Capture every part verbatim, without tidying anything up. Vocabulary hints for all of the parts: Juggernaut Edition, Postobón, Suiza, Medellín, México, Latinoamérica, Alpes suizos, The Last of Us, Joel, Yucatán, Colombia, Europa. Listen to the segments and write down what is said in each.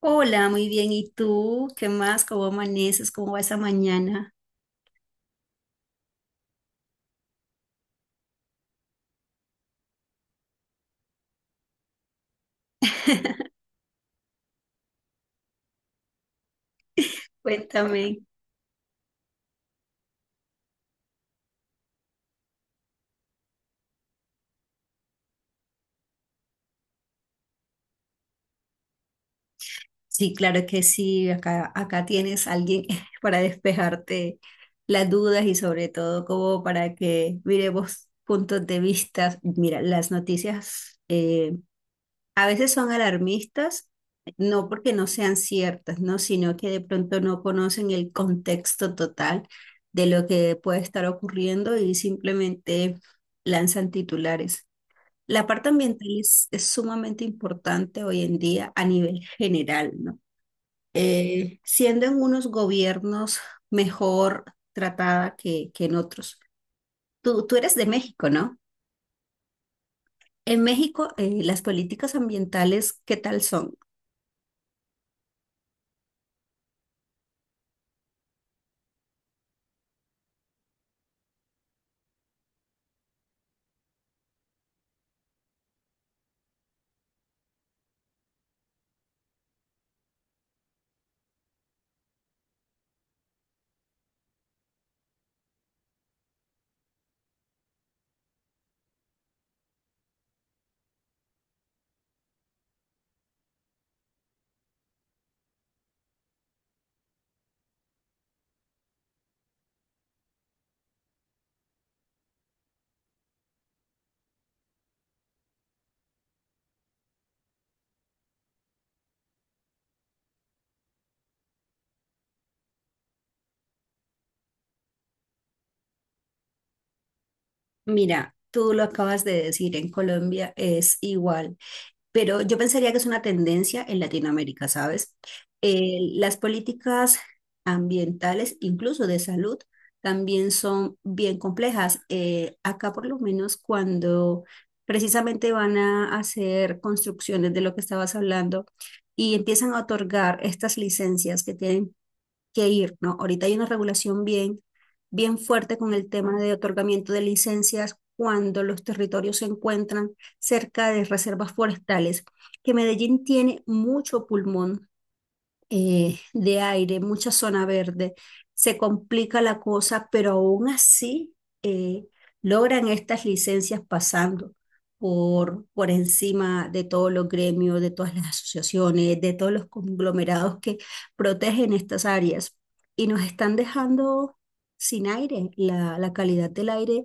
Hola, muy bien. ¿Y tú? ¿Qué más? ¿Cómo amaneces? ¿Cómo va esa mañana? Cuéntame. Sí, claro que sí. Acá, acá tienes a alguien para despejarte las dudas y sobre todo como para que miremos puntos de vista. Mira, las noticias eh, a veces son alarmistas, no porque no sean ciertas, ¿no? Sino que de pronto no conocen el contexto total de lo que puede estar ocurriendo y simplemente lanzan titulares. La parte ambiental es, es sumamente importante hoy en día a nivel general, ¿no? Eh, siendo en unos gobiernos mejor tratada que, que en otros. Tú, tú eres de México, ¿no? En México, eh, las políticas ambientales, ¿qué tal son? Mira, tú lo acabas de decir, en Colombia es igual, pero yo pensaría que es una tendencia en Latinoamérica, ¿sabes? Eh, las políticas ambientales, incluso de salud, también son bien complejas. Eh, acá por lo menos cuando precisamente van a hacer construcciones de lo que estabas hablando y empiezan a otorgar estas licencias que tienen que ir, ¿no? Ahorita hay una regulación bien, bien fuerte con el tema de otorgamiento de licencias cuando los territorios se encuentran cerca de reservas forestales, que Medellín tiene mucho pulmón eh, de aire, mucha zona verde, se complica la cosa, pero aún así eh, logran estas licencias pasando por, por encima de todos los gremios, de todas las asociaciones, de todos los conglomerados que protegen estas áreas y nos están dejando sin aire. La, la calidad del aire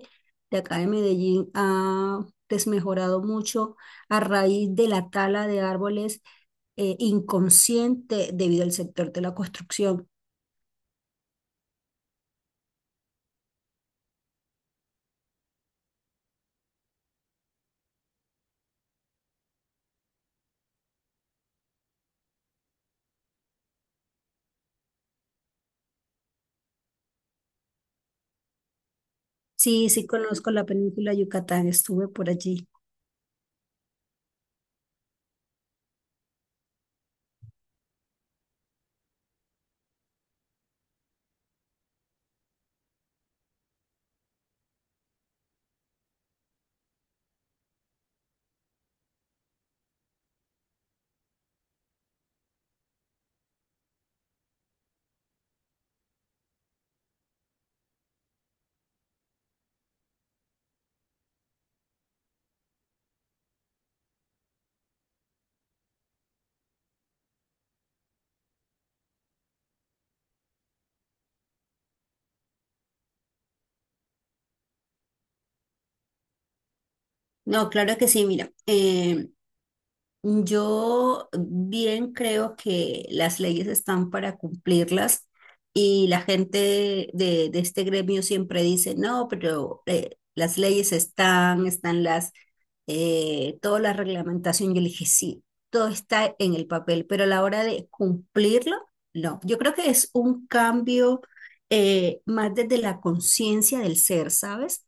de acá de Medellín ha desmejorado mucho a raíz de la tala de árboles eh, inconsciente debido al sector de la construcción. Sí, sí conozco la península de Yucatán, estuve por allí. No, claro que sí, mira, eh, yo bien creo que las leyes están para cumplirlas y la gente de, de este gremio siempre dice, no, pero eh, las leyes están, están las, eh, toda la reglamentación. Yo le dije, sí, todo está en el papel, pero a la hora de cumplirlo, no. Yo creo que es un cambio eh, más desde la conciencia del ser, ¿sabes?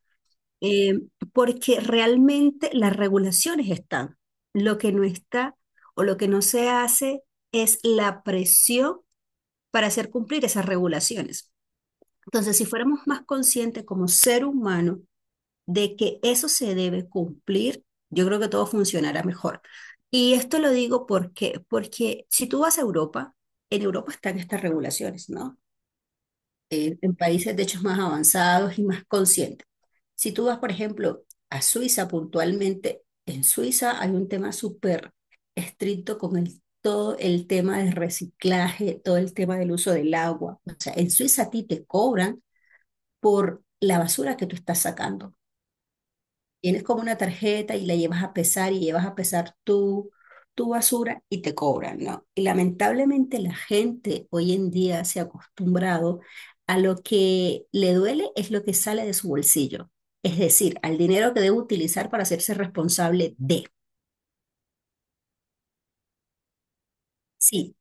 eh, Porque realmente las regulaciones están. Lo que no está o lo que no se hace es la presión para hacer cumplir esas regulaciones. Entonces, si fuéramos más conscientes como ser humano de que eso se debe cumplir, yo creo que todo funcionará mejor. Y esto lo digo porque, porque si tú vas a Europa, en Europa están estas regulaciones, ¿no? en, en países de hecho más avanzados y más conscientes. Si tú vas, por ejemplo, a Suiza puntualmente, en Suiza hay un tema súper estricto con el, todo el tema del reciclaje, todo el tema del uso del agua. O sea, en Suiza a ti te cobran por la basura que tú estás sacando. Tienes como una tarjeta y la llevas a pesar y llevas a pesar tu, tu basura y te cobran, ¿no? Y lamentablemente la gente hoy en día se ha acostumbrado a lo que le duele es lo que sale de su bolsillo, es decir, al dinero que debe utilizar para hacerse responsable de. Sí,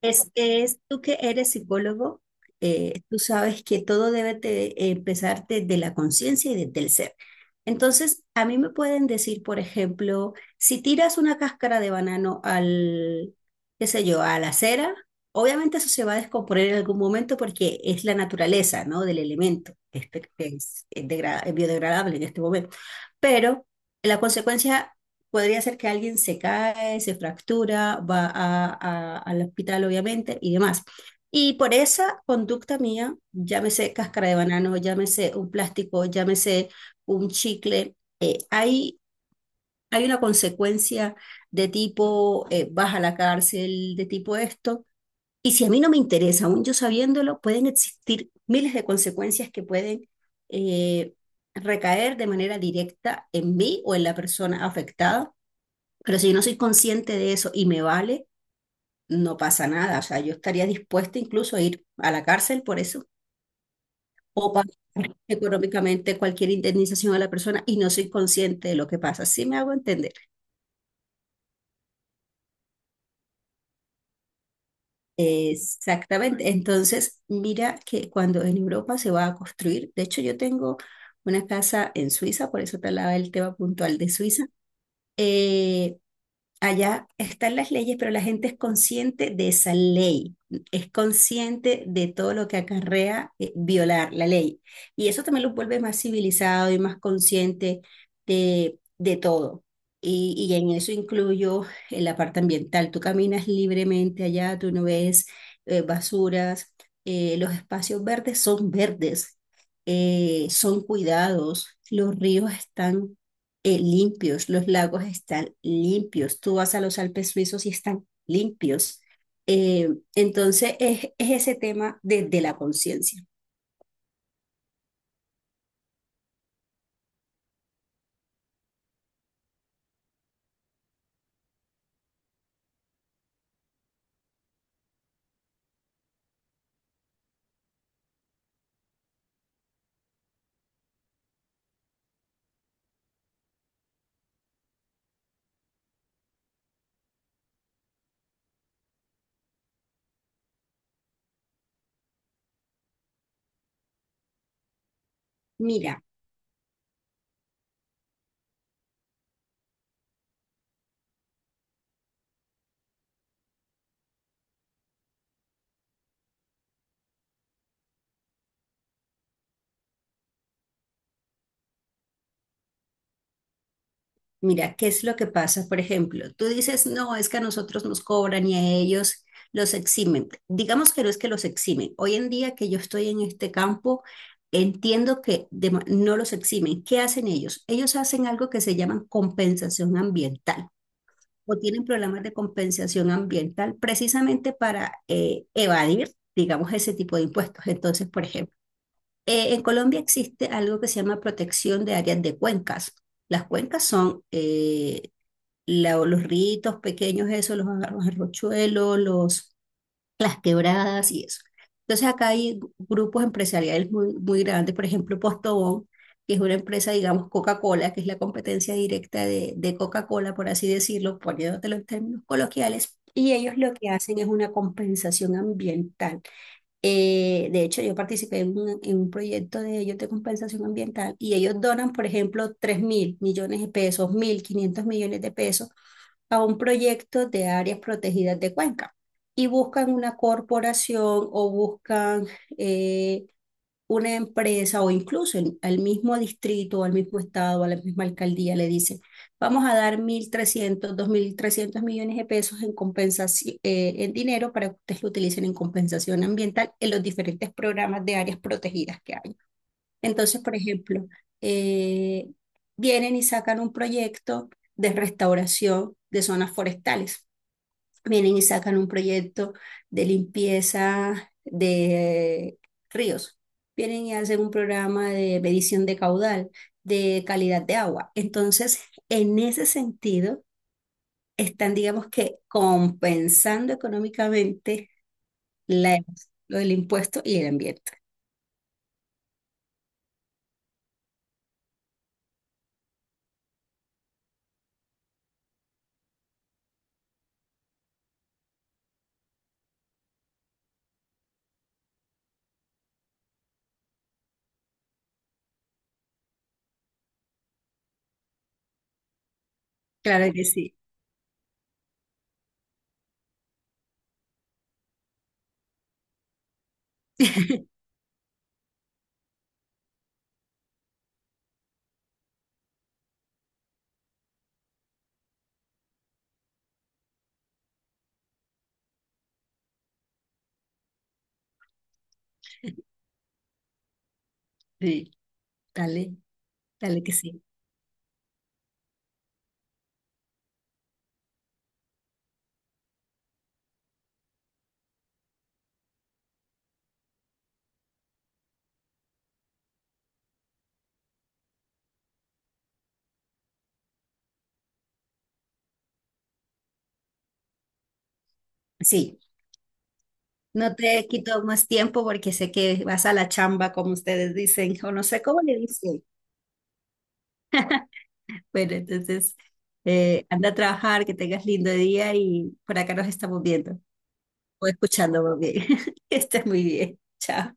Es, es tú que eres psicólogo, eh, tú sabes que todo debe te- empezar desde la conciencia y desde el ser. Entonces, a mí me pueden decir, por ejemplo, si tiras una cáscara de banano al, qué sé yo, a la acera, obviamente eso se va a descomponer en algún momento porque es la naturaleza, ¿no? Del elemento, este, es, es degra- es biodegradable en este momento. Pero la consecuencia podría ser que alguien se cae, se fractura, va a- a- al hospital, obviamente, y demás. Y por esa conducta mía, llámese cáscara de banano, llámese un plástico, llámese un chicle, eh, hay, hay una consecuencia de tipo eh, vas a la cárcel, de tipo esto. Y si a mí no me interesa, aún yo sabiéndolo, pueden existir miles de consecuencias que pueden eh, recaer de manera directa en mí o en la persona afectada, pero si yo no soy consciente de eso y me vale, no pasa nada. O sea, yo estaría dispuesta incluso a ir a la cárcel por eso o pagar económicamente cualquier indemnización a la persona y no soy consciente de lo que pasa. Sí me hago entender. Exactamente. Entonces, mira que cuando en Europa se va a construir, de hecho yo tengo una casa en Suiza, por eso te hablaba del tema puntual de Suiza. Eh, Allá están las leyes, pero la gente es consciente de esa ley, es consciente de todo lo que acarrea eh, violar la ley. Y eso también los vuelve más civilizado y más consciente de, de todo. Y, y en eso incluyo eh, la parte ambiental. Tú caminas libremente allá, tú no ves eh, basuras, eh, los espacios verdes son verdes, eh, son cuidados, los ríos están eh, limpios, los lagos están limpios, tú vas a los Alpes suizos y están limpios. Eh, entonces es, es ese tema de, de la conciencia. Mira, mira, ¿qué es lo que pasa? Por ejemplo, tú dices, no, es que a nosotros nos cobran y a ellos los eximen. Digamos que no es que los eximen. Hoy en día que yo estoy en este campo, entiendo que de ma- no los eximen. ¿Qué hacen ellos? Ellos hacen algo que se llama compensación ambiental. O tienen problemas de compensación ambiental precisamente para eh, evadir, digamos, ese tipo de impuestos. Entonces, por ejemplo, eh, en Colombia existe algo que se llama protección de áreas de cuencas. Las cuencas son eh, la- los ríos pequeños, eso, los arrochuelos, los las quebradas y eso. Entonces acá hay gru- grupos empresariales muy, muy grandes, por ejemplo Postobón, que es una empresa, digamos, Coca-Cola, que es la competencia directa de, de Coca-Cola, por así decirlo, poniéndotelo en términos coloquiales, y ellos lo que hacen es una compensación ambiental. Eh, de hecho, yo participé en un, en un proyecto de ellos de compensación ambiental y ellos donan, por ejemplo, tres mil millones de pesos, mil quinientos millones de pesos a un proyecto de áreas protegidas de Cuenca y buscan una corporación o buscan eh, una empresa o incluso el- al mismo distrito, o al mismo estado, a la misma alcaldía le dice, vamos a dar mil trescientos dos mil trescientos millones de pesos en compensación, eh, en dinero para que ustedes lo utilicen en compensación ambiental en los diferentes programas de áreas protegidas que hay. Entonces, por ejemplo, eh, vienen y sacan un proyecto de restauración de zonas forestales, vienen y sacan un proyecto de limpieza de ríos, vienen y hacen un programa de medición de caudal, de calidad de agua. Entonces, en ese sentido, están, digamos que, compensando económicamente la, lo del impuesto y el ambiente. Claro que sí, sí, dale, dale que sí. Sí. No te quito más tiempo porque sé que vas a la chamba, como ustedes dicen, o no sé cómo le dicen. Bueno, entonces eh, anda a trabajar, que tengas lindo día y por acá nos estamos viendo o escuchando más bien. Que estés muy bien. Chao.